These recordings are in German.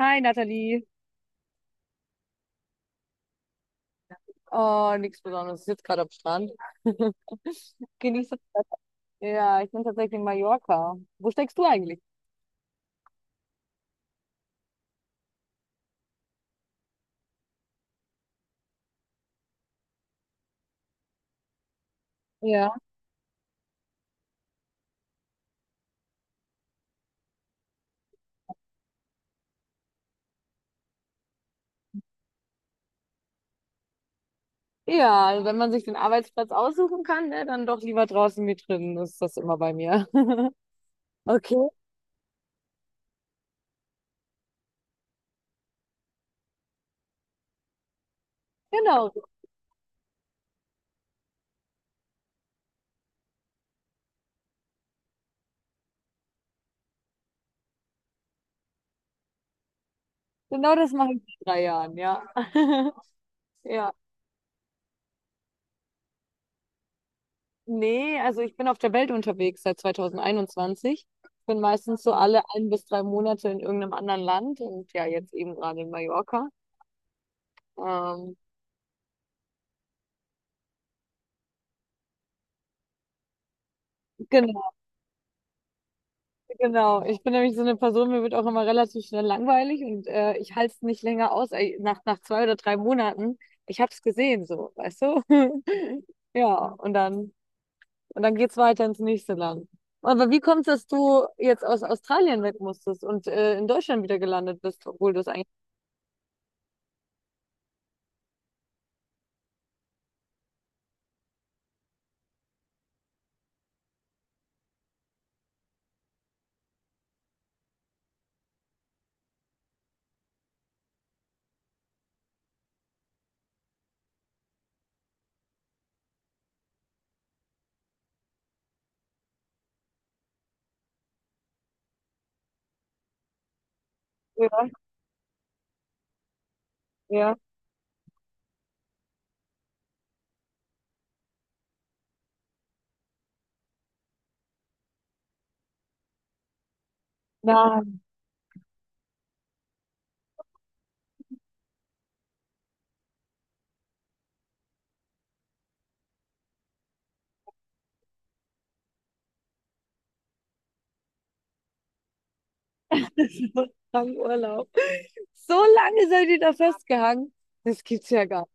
Hi Nathalie. Oh, nichts Besonderes. Ich sitze gerade am Strand. Genieße das Wetter. Ja, ich bin tatsächlich in Mallorca. Wo steckst du eigentlich? Ja. Ja, also wenn man sich den Arbeitsplatz aussuchen kann, ne, dann doch lieber draußen wie drinnen, ist das immer bei mir. Okay. Genau, genau das mache ich seit 3 Jahren, ja. Ja. Nee, also ich bin auf der Welt unterwegs seit 2021. Bin meistens so alle ein bis drei Monate in irgendeinem anderen Land und ja, jetzt eben gerade in Mallorca. Ähm, genau, Genau, ich bin nämlich so eine Person, mir wird auch immer relativ schnell langweilig und ich halte es nicht länger aus, ey, nach 2 oder 3 Monaten. Ich habe es gesehen, so, weißt du? Ja, und dann, und dann geht's weiter ins nächste Land. Aber wie kommt es, dass du jetzt aus Australien weg musstest und in Deutschland wieder gelandet bist, obwohl du es eigentlich früher warst? Ja, nein, so lange Urlaub. So lange seid ihr da festgehangen? Das gibt's ja gar nicht.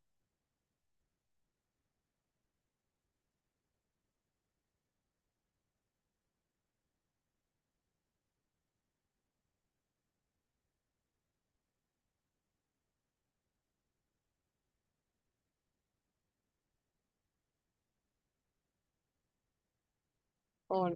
Oh,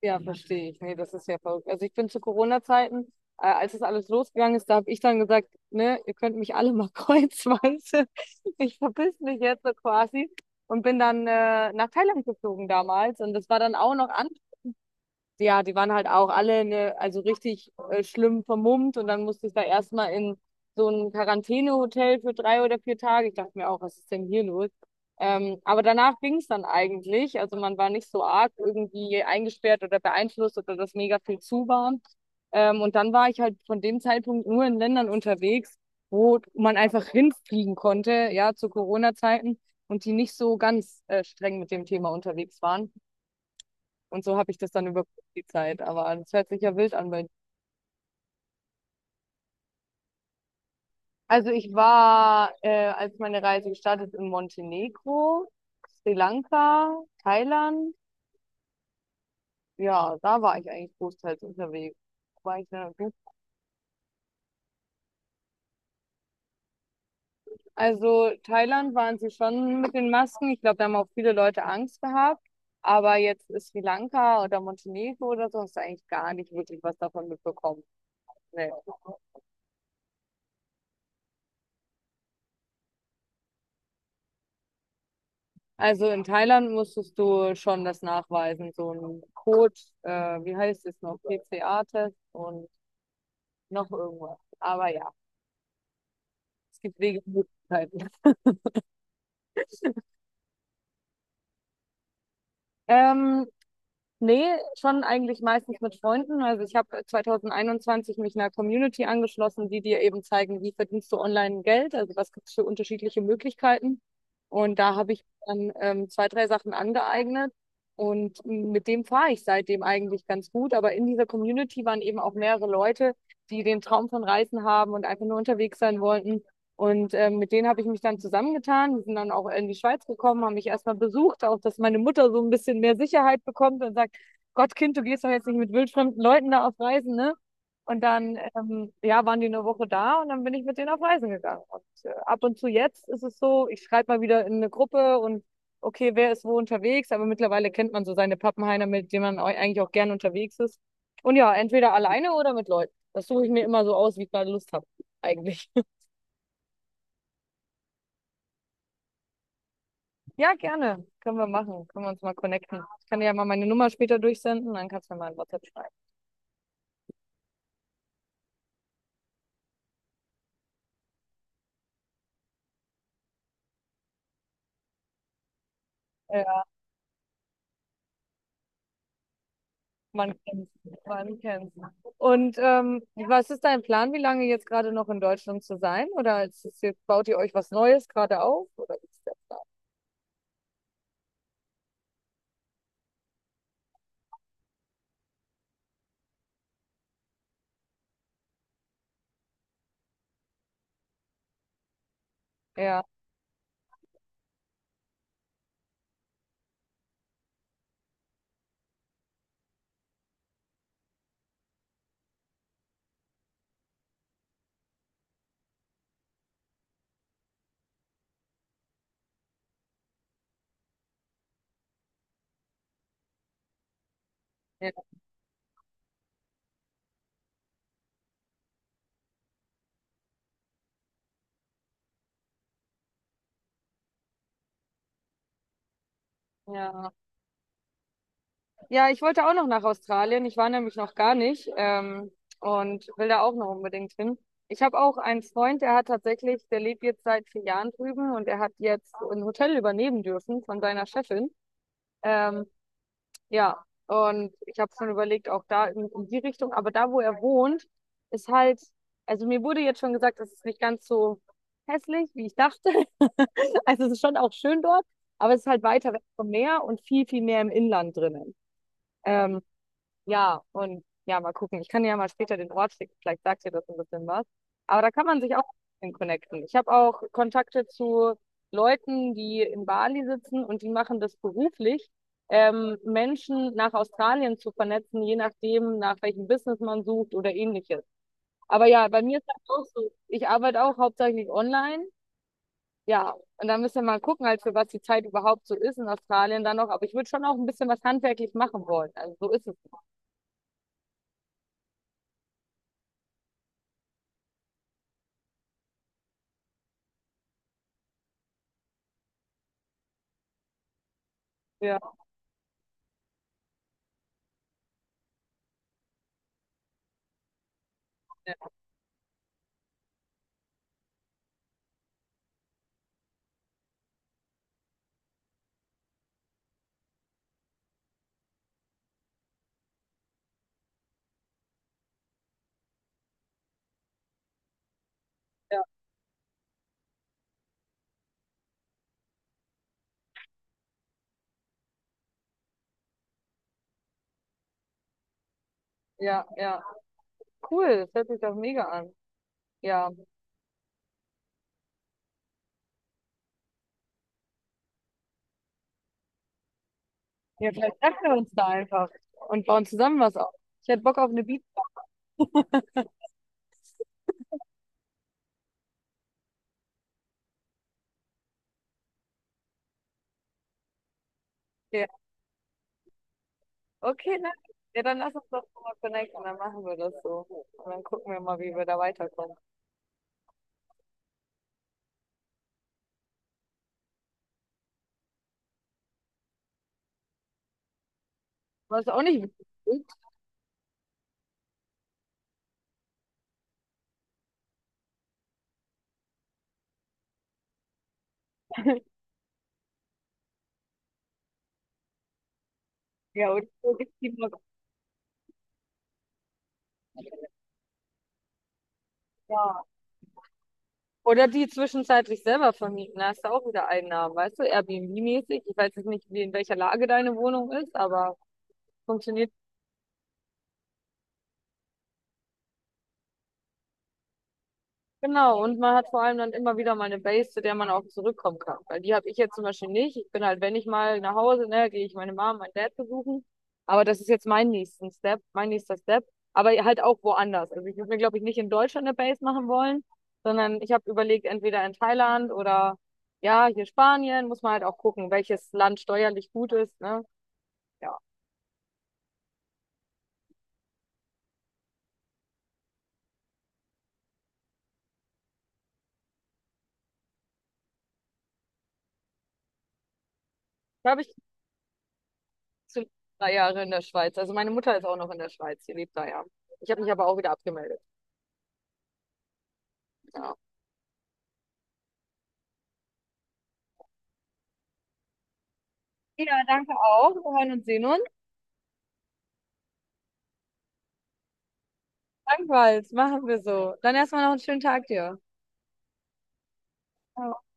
ja, verstehe ich. Nee, das ist ja verrückt. Also ich bin zu Corona-Zeiten, als das alles losgegangen ist, da habe ich dann gesagt, ne, ihr könnt mich alle mal kreuzweise. Ich verpiss mich jetzt so quasi und bin dann nach Thailand geflogen damals. Und das war dann auch noch an, ja, die waren halt auch alle ne, also richtig schlimm vermummt und dann musste ich da erstmal in so ein Quarantänehotel für 3 oder 4 Tage. Ich dachte mir auch, was ist denn hier los? Aber danach ging es dann eigentlich. Also man war nicht so arg irgendwie eingesperrt oder beeinflusst oder dass mega viel zu war. Und dann war ich halt von dem Zeitpunkt nur in Ländern unterwegs, wo man einfach hinfliegen konnte, ja, zu Corona-Zeiten und die nicht so ganz streng mit dem Thema unterwegs waren. Und so habe ich das dann über die Zeit. Aber das hört sich ja wild an bei dir. Also ich war, als meine Reise gestartet, in Montenegro, Sri Lanka, Thailand. Ja, da war ich eigentlich großteils unterwegs. War ich da gut. Also Thailand waren sie schon mit den Masken. Ich glaube, da haben auch viele Leute Angst gehabt. Aber jetzt ist Sri Lanka oder Montenegro oder so, hast du eigentlich gar nicht wirklich was davon mitbekommen. Nee. Also in Thailand musstest du schon das nachweisen, so ein Code, wie heißt es noch, PCA-Test und noch irgendwas. Aber ja, es gibt Wege und Möglichkeiten. Ähm, Nee, schon eigentlich meistens mit Freunden. Also ich habe 2021 mich einer Community angeschlossen, die dir eben zeigen, wie verdienst du online Geld, also was gibt es für unterschiedliche Möglichkeiten. Und da habe ich dann zwei, drei Sachen angeeignet und mit dem fahre ich seitdem eigentlich ganz gut. Aber in dieser Community waren eben auch mehrere Leute, die den Traum von Reisen haben und einfach nur unterwegs sein wollten. Und mit denen habe ich mich dann zusammengetan. Die sind dann auch in die Schweiz gekommen, haben mich erstmal besucht, auch dass meine Mutter so ein bisschen mehr Sicherheit bekommt und sagt, Gottkind, du gehst doch jetzt nicht mit wildfremden Leuten da auf Reisen, ne? Und dann, ja, waren die 1 Woche da und dann bin ich mit denen auf Reisen gegangen. Und ab und zu jetzt ist es so, ich schreibe mal wieder in eine Gruppe und okay, wer ist wo unterwegs, aber mittlerweile kennt man so seine Pappenheimer, mit denen man eigentlich auch gern unterwegs ist. Und ja, entweder alleine oder mit Leuten. Das suche ich mir immer so aus, wie ich gerade Lust habe, eigentlich. Ja, gerne. Können wir machen. Können wir uns mal connecten. Ich kann dir ja mal meine Nummer später durchsenden, dann kannst du mir mal ein WhatsApp schreiben. Äh, Man man kennt's. Und was ist dein Plan, wie lange jetzt gerade noch in Deutschland zu sein? Oder ist es jetzt, baut ihr euch was Neues gerade auf? Oder wie ist der Plan? Ja, ja, ja. Ja, ich wollte auch noch nach Australien. Ich war nämlich noch gar nicht und will da auch noch unbedingt hin. Ich habe auch einen Freund, der hat tatsächlich, der lebt jetzt seit 4 Jahren drüben und er hat jetzt ein Hotel übernehmen dürfen von seiner Chefin. Ähm, Ja, und ich habe schon überlegt, auch da in die Richtung, aber da, wo er wohnt, ist halt, also mir wurde jetzt schon gesagt, es ist nicht ganz so hässlich, wie ich dachte. Also es ist schon auch schön dort, aber es ist halt weiter weg vom Meer und viel mehr im Inland drinnen. Ähm, ja, und ja, mal gucken. Ich kann dir ja mal später den Ort schicken. Vielleicht sagt dir das ein bisschen was. Aber da kann man sich auch ein bisschen connecten. Ich habe auch Kontakte zu Leuten, die in Bali sitzen und die machen das beruflich, Menschen nach Australien zu vernetzen, je nachdem, nach welchem Business man sucht oder ähnliches. Aber ja, bei mir ist das auch so. Ich arbeite auch hauptsächlich online. Ja, und da müssen wir mal gucken, halt für was die Zeit überhaupt so ist in Australien dann noch. Aber ich würde schon auch ein bisschen was handwerklich machen wollen. Also so ist es. Ja, ja. Ja. Ja, ja. Cool, das hört sich doch mega an. Ja. Ja, vielleicht treffen wir uns da einfach und bauen zusammen was auf. Ich hätte Bock auf eine Beach. Fair. Okay, ne? Ja, dann lass uns doch mal connecten und dann machen wir das so. Und dann gucken wir mal, wie wir da weiterkommen. Was auch nicht witzig ist. Ja, oder so gibt's die mal. Ja. Oder die zwischenzeitlich selber vermieten. Da hast du auch wieder Einnahmen, weißt du? Airbnb-mäßig. Ich weiß jetzt nicht, wie in welcher Lage deine Wohnung ist, aber funktioniert. Genau, und man hat vor allem dann immer wieder mal eine Base, zu der man auch zurückkommen kann. Weil die habe ich jetzt zum Beispiel nicht. Ich bin halt, wenn ich mal nach Hause, ne, gehe ich meine Mom, meinen Dad besuchen. Aber das ist jetzt mein nächster Step. Aber halt auch woanders. Also ich würde mir, glaube ich, nicht in Deutschland eine Base machen wollen, sondern ich habe überlegt, entweder in Thailand oder ja, hier Spanien, muss man halt auch gucken, welches Land steuerlich gut ist, ne? Ja. Da habe ich zu 3 Jahre in der Schweiz. Also meine Mutter ist auch noch in der Schweiz, sie lebt da ja. Ich habe mich aber auch wieder abgemeldet. Ja. Ja, danke auch. Wir hören und sehen uns. Dankbar, machen wir so. Dann erstmal noch einen schönen Tag dir. Ciao.